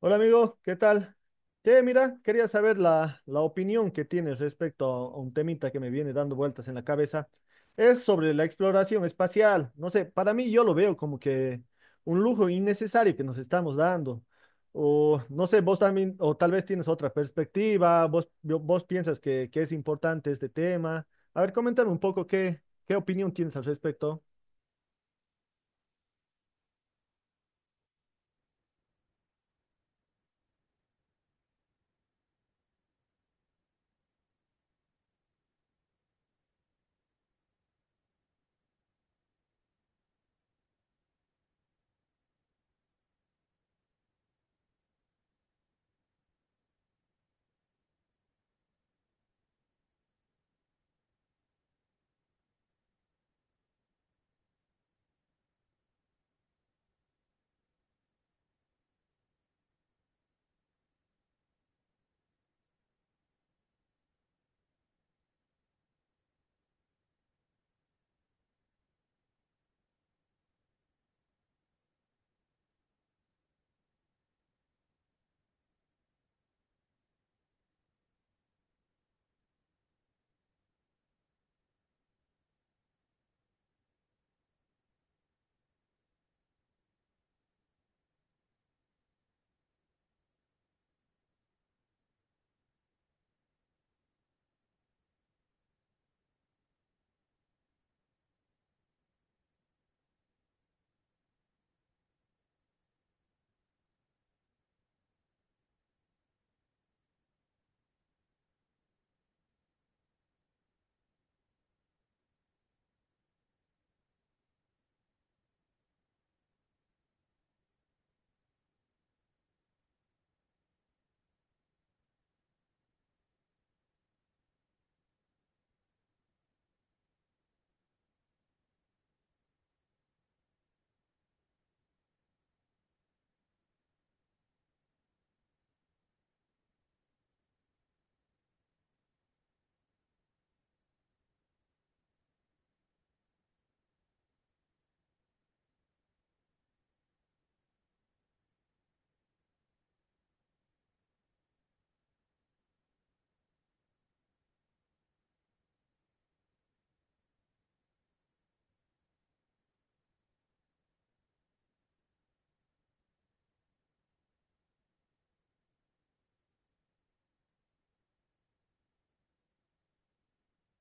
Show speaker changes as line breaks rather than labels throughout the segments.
Hola amigo, ¿qué tal? Che, mira, quería saber la opinión que tienes respecto a un temita que me viene dando vueltas en la cabeza. Es sobre la exploración espacial. No sé, para mí yo lo veo como que un lujo innecesario que nos estamos dando. O no sé, vos también, o tal vez tienes otra perspectiva, vos, vos piensas que es importante este tema. A ver, coméntame un poco qué opinión tienes al respecto.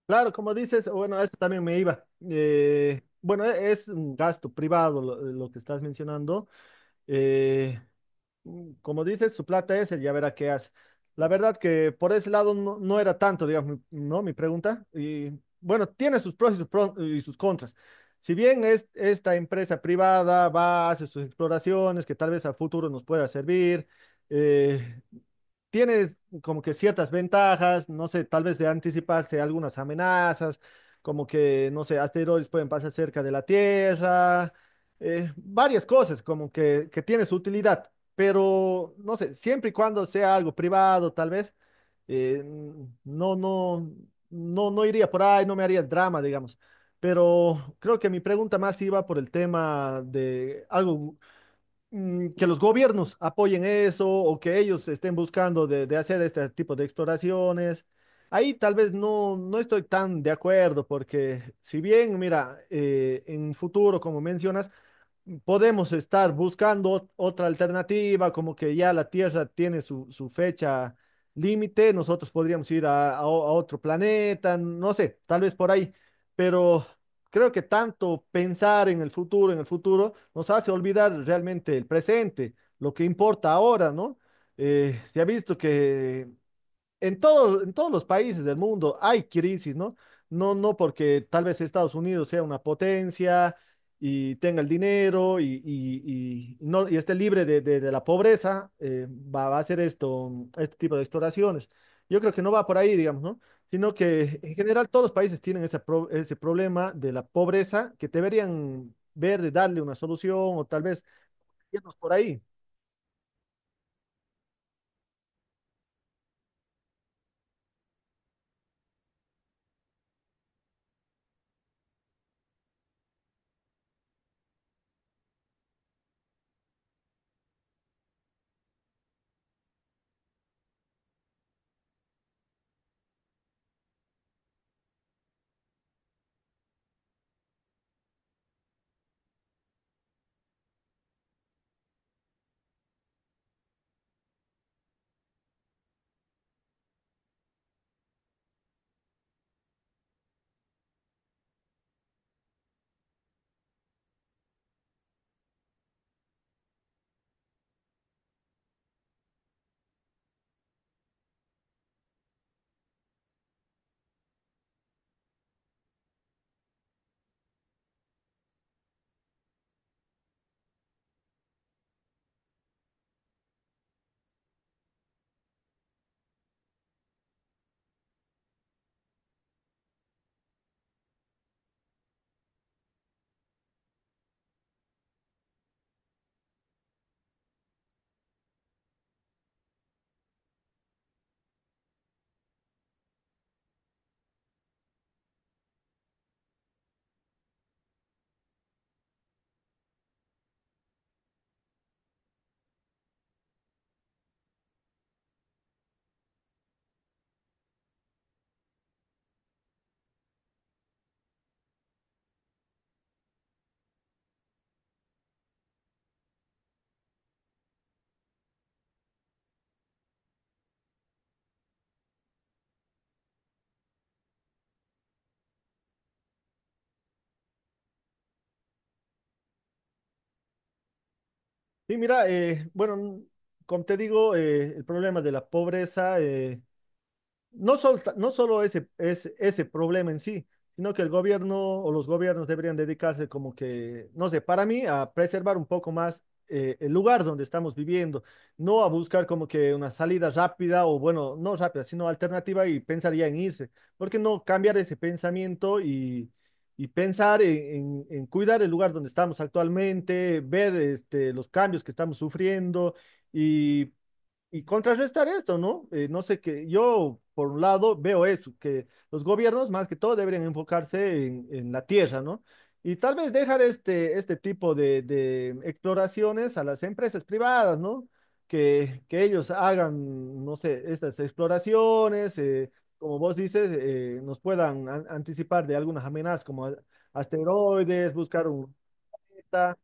Claro, como dices, bueno, eso también me iba. Bueno, es un gasto privado lo que estás mencionando. Eh, Como dices, su plata es, él ya verá qué hace. La verdad que por ese lado no era tanto, digamos, ¿no? Mi pregunta. Y bueno, tiene sus pros y sus contras. Si bien es, esta empresa privada va, hace sus exploraciones que tal vez a futuro nos pueda servir, eh, tiene como que ciertas ventajas, no sé, tal vez de anticiparse algunas amenazas, como que, no sé, asteroides pueden pasar cerca de la Tierra, varias cosas como que tiene su utilidad, pero no sé, siempre y cuando sea algo privado, tal vez, eh, no, no, no iría por ahí, no me haría el drama, digamos. Pero creo que mi pregunta más iba por el tema de algo que los gobiernos apoyen eso o que ellos estén buscando de hacer este tipo de exploraciones. Ahí tal vez no estoy tan de acuerdo porque si bien, mira, en futuro, como mencionas, podemos estar buscando otra alternativa, como que ya la Tierra tiene su fecha límite, nosotros podríamos ir a otro planeta, no sé, tal vez por ahí, pero creo que tanto pensar en el futuro, nos hace olvidar realmente el presente, lo que importa ahora, ¿no? Se ha visto que en todos los países del mundo hay crisis, ¿no? No porque tal vez Estados Unidos sea una potencia y tenga el dinero y no, y esté libre de la pobreza, va a hacer esto, este tipo de exploraciones. Yo creo que no va por ahí, digamos, ¿no? Sino que en general todos los países tienen ese problema de la pobreza que deberían ver de darle una solución o tal vez irnos por ahí. Sí, mira, bueno, como te digo, el problema de la pobreza no solo ese problema en sí, sino que el gobierno o los gobiernos deberían dedicarse como que, no sé, para mí, a preservar un poco más el lugar donde estamos viviendo, no a buscar como que una salida rápida o bueno, no rápida, sino alternativa y pensar ya en irse. ¿Por qué no cambiar ese pensamiento y pensar en cuidar el lugar donde estamos actualmente, ver este, los cambios que estamos sufriendo? y y contrarrestar esto, ¿no? No sé que yo, por un lado, veo eso, que los gobiernos más que todo deberían enfocarse en la tierra, ¿no? Y tal vez dejar este, este tipo de exploraciones a las empresas privadas, ¿no? Que ellos hagan, no sé, estas exploraciones, como vos dices, nos puedan anticipar de algunas amenazas como asteroides, buscar un planeta.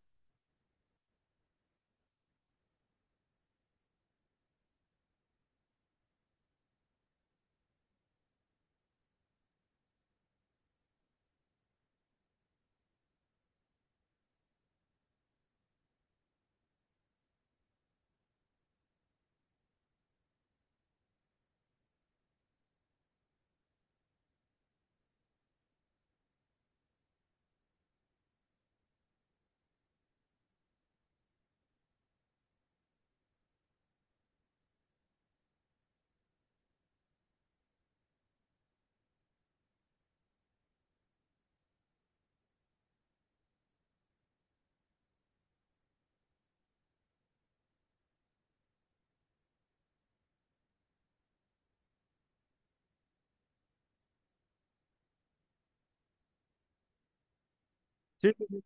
Sí,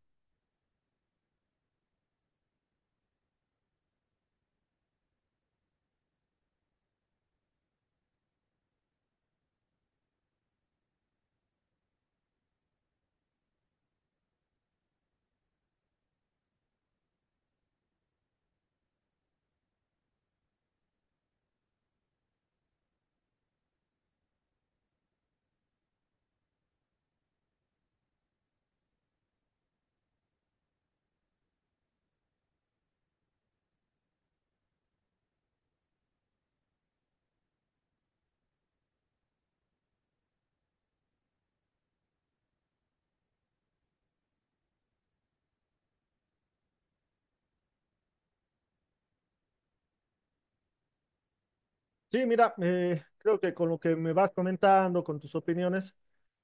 sí, mira, creo que con lo que me vas comentando, con tus opiniones,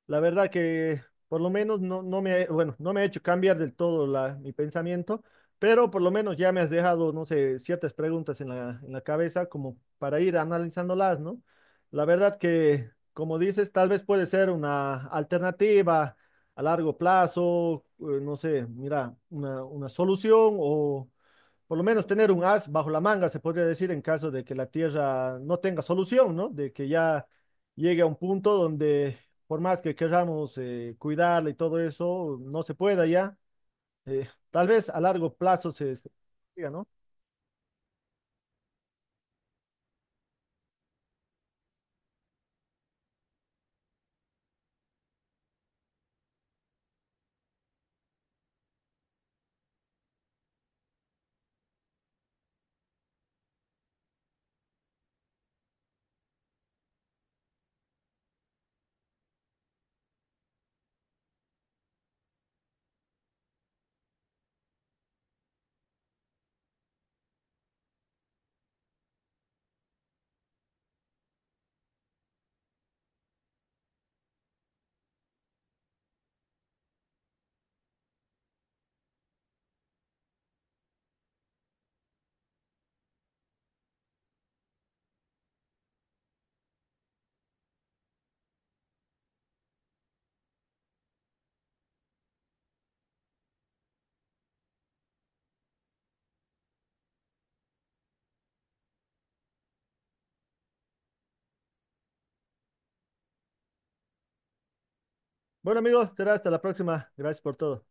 la verdad que por lo menos bueno, no me ha hecho cambiar del todo la, mi pensamiento, pero por lo menos ya me has dejado, no sé, ciertas preguntas en en la cabeza como para ir analizándolas, ¿no? La verdad que, como dices, tal vez puede ser una alternativa a largo plazo, no sé, mira, una solución o por lo menos tener un as bajo la manga, se podría decir, en caso de que la Tierra no tenga solución, ¿no? De que ya llegue a un punto donde, por más que queramos cuidarla y todo eso, no se pueda ya. Tal vez a largo plazo se diga, ¿no? Bueno, amigos, será hasta la próxima. Gracias por todo.